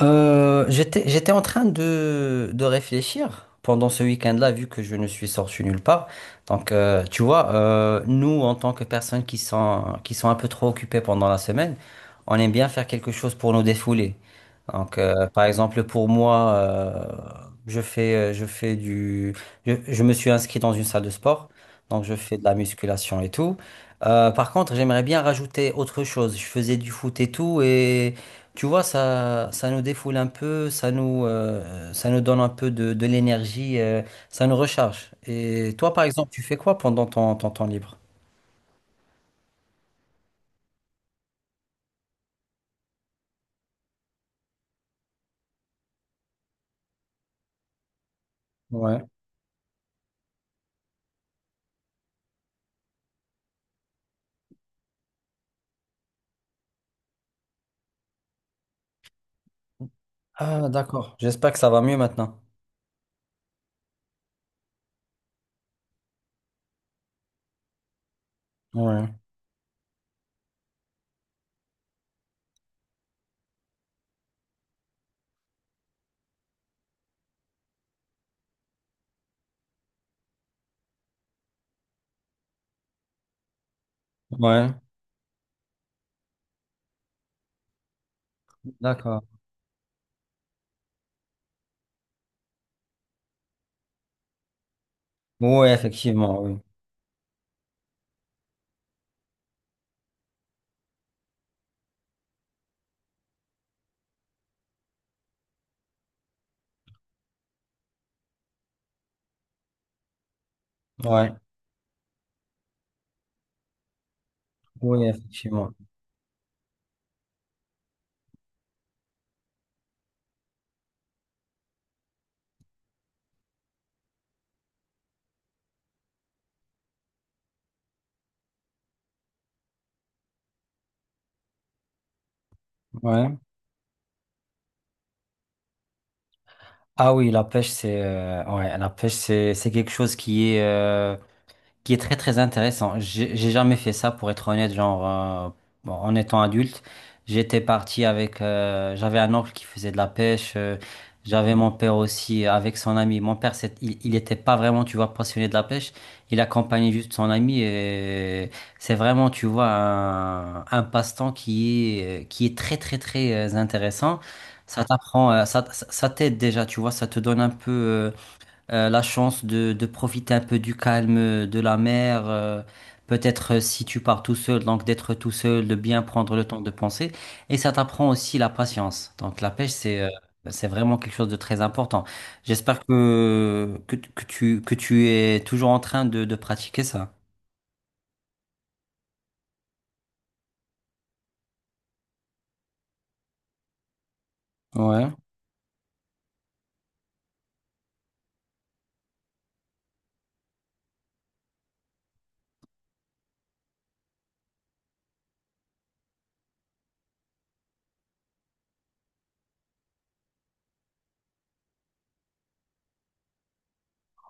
J'étais en train de réfléchir pendant ce week-end-là, vu que je ne suis sorti nulle part. Nous, en tant que personnes qui sont un peu trop occupées pendant la semaine, on aime bien faire quelque chose pour nous défouler. Par exemple, pour moi, je fais du, je me suis inscrit dans une salle de sport, donc je fais de la musculation et tout. Par contre, j'aimerais bien rajouter autre chose. Je faisais du foot et tout, tu vois, ça nous défoule un peu, ça nous donne un peu de l'énergie, ça nous recharge. Et toi, par exemple, tu fais quoi pendant ton temps libre? Ouais. Ah, d'accord. J'espère que ça va mieux maintenant. Ouais. Ouais. D'accord. Oui, effectivement, oui. Ouais. Oui, effectivement. Ouais. Ah oui, la pêche, c'est ouais, la pêche, c'est quelque chose qui est très très intéressant. J'ai jamais fait ça pour être honnête, genre, bon, en étant adulte, j'étais parti avec j'avais un oncle qui faisait de la pêche, j'avais mon père aussi avec son ami. Mon père, il était pas vraiment tu vois passionné de la pêche, il accompagnait juste son ami, et c'est vraiment tu vois un passe-temps qui est très très très, intéressant. Ça t'apprend, ça t'aide déjà, tu vois, ça te donne un peu, la chance de profiter un peu du calme de la mer, peut-être, si tu pars tout seul, donc d'être tout seul, de bien prendre le temps de penser. Et ça t'apprend aussi la patience. Donc la pêche, c'est, bah, c'est vraiment quelque chose de très important. J'espère que tu es toujours en train de pratiquer ça. Ouais,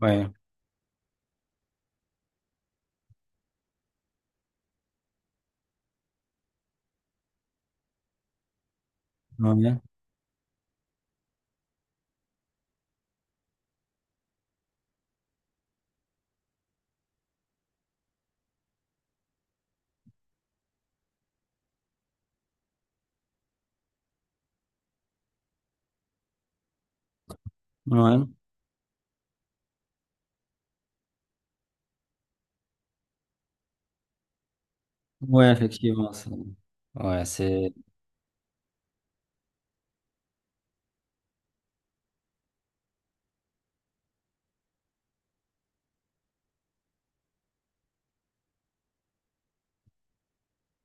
ouais, ouais, ouais, ouais, effectivement. Ça. Ouais, c'est...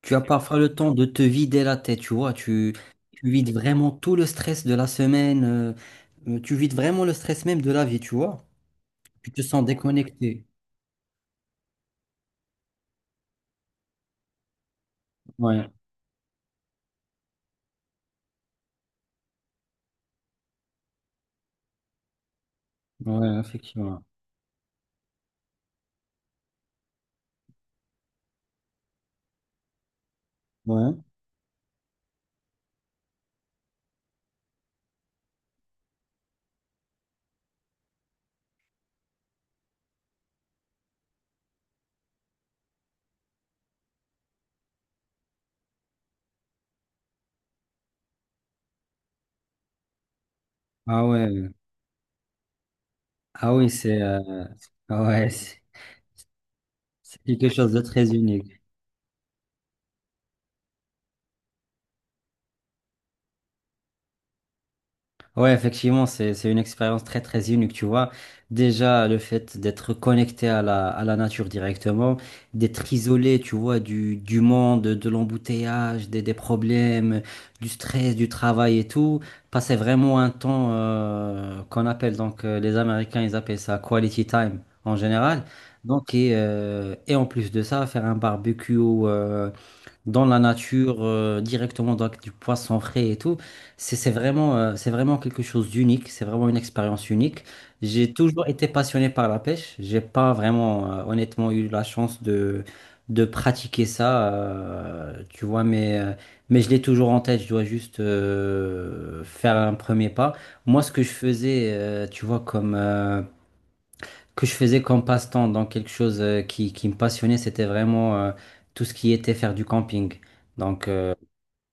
Tu as parfois le temps de te vider la tête, tu vois. Tu vides vraiment tout le stress de la semaine. Tu vides vraiment le stress même de la vie, tu vois. Tu te sens déconnecté. Ouais, ouais, effectivement. Ouais. Ah ouais. Ah oui, c'est, ah ouais, c'est quelque chose de très unique. Ouais, effectivement, c'est une expérience très, très unique, tu vois. Déjà, le fait d'être connecté à à la nature directement, d'être isolé, tu vois, du monde, de l'embouteillage, des problèmes, du stress, du travail et tout. Passer vraiment un temps, qu'on appelle, donc, les Américains, ils appellent ça quality time en général. Et en plus de ça, faire un barbecue, dans la nature, directement dans- avec du poisson frais et tout. C'est vraiment, c'est vraiment quelque chose d'unique, c'est vraiment une expérience unique. J'ai toujours été passionné par la pêche. J'ai pas vraiment, honnêtement, eu la chance de pratiquer ça, tu vois, mais je l'ai toujours en tête. Je dois juste faire un premier pas. Moi, ce que je faisais, tu vois, que je faisais comme passe-temps, donc quelque chose, qui me passionnait, c'était vraiment, tout ce qui était faire du camping. Donc, euh,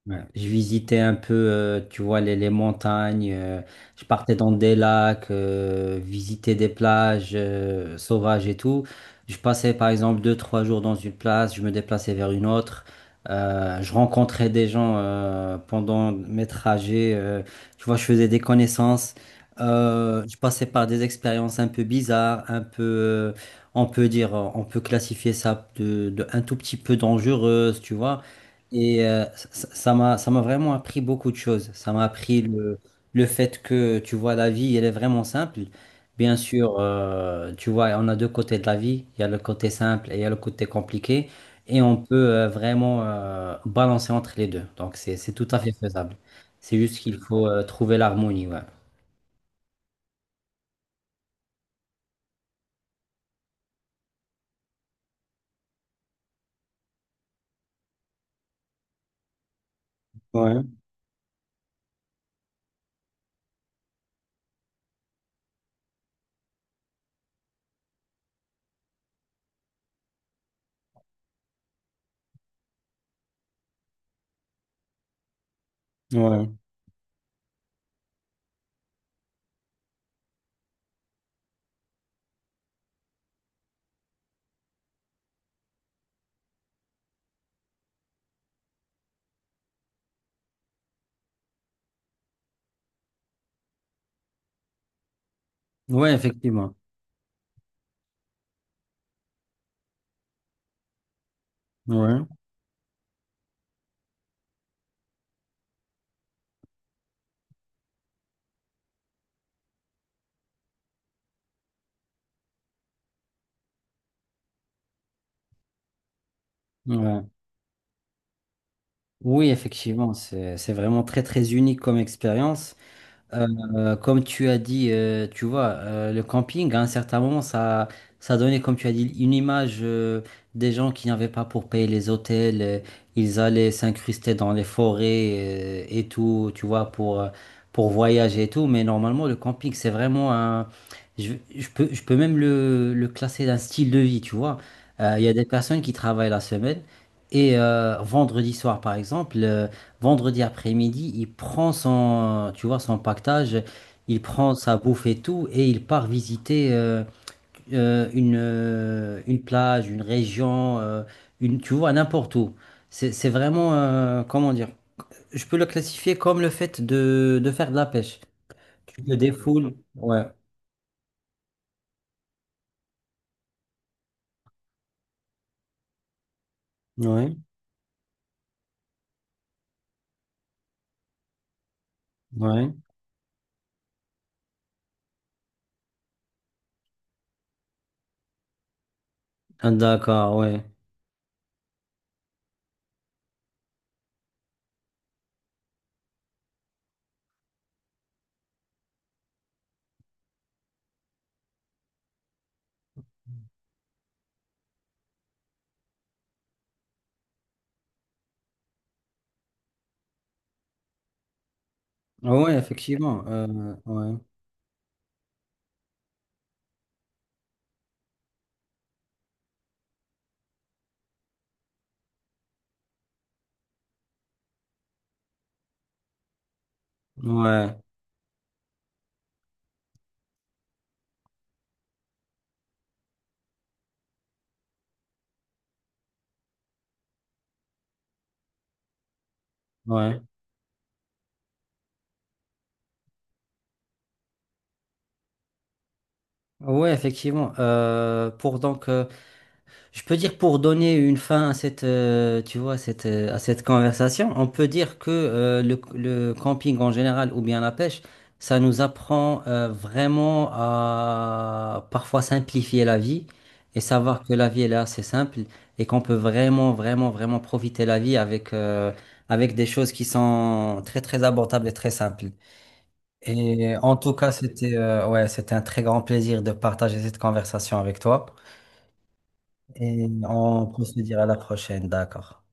Ouais. Je visitais un peu, tu vois, les montagnes, je partais dans des lacs, visiter des plages sauvages et tout. Je passais par exemple deux, trois jours dans une place, je me déplaçais vers une autre. Je rencontrais des gens pendant mes trajets, tu vois, je faisais des connaissances. Je passais par des expériences un peu bizarres, un peu, on peut dire, on peut classifier ça de un tout petit peu dangereuse, tu vois. Et, ça m'a vraiment appris beaucoup de choses. Ça m'a appris le fait que, tu vois, la vie, elle est vraiment simple. Bien sûr, tu vois, on a deux côtés de la vie. Il y a le côté simple et il y a le côté compliqué. Et on peut, vraiment balancer entre les deux. Donc, c'est tout à fait faisable. C'est juste qu'il faut, trouver l'harmonie, ouais. Ouais. Ouais, effectivement. Ouais. Ouais. Oui, effectivement, c'est vraiment très, très unique comme expérience. Comme tu as dit, tu vois, le camping, à un certain moment, ça donnait, comme tu as dit, une image, des gens qui n'avaient pas pour payer les hôtels, ils allaient s'incruster dans les forêts, et tout, tu vois, pour voyager et tout. Mais normalement, le camping, c'est vraiment un... Je peux même le classer d'un style de vie, tu vois. Il y a des personnes qui travaillent la semaine et, vendredi soir, par exemple. Vendredi après-midi, il prend son, tu vois, son pactage, il prend sa bouffe et tout, et il part visiter, une plage, une région, une, tu vois, n'importe où. C'est vraiment, comment dire, je peux le classifier comme le fait de faire de la pêche. Tu te défoules, ouais, ouais, ouais. Ah, d'accord, ouais. Ah ouais, effectivement, ouais, ouais, ouais. Ouais, effectivement. Je peux dire pour donner une fin à cette, tu vois, à cette conversation, on peut dire que, le camping en général ou bien la pêche, ça nous apprend, vraiment à parfois simplifier la vie et savoir que la vie elle est assez simple, et qu'on peut vraiment, vraiment, vraiment profiter la vie avec, avec des choses qui sont très, très abordables et très simples. Et en tout cas, c'était, ouais, c'était un très grand plaisir de partager cette conversation avec toi. Et on peut se dire à la prochaine, d'accord.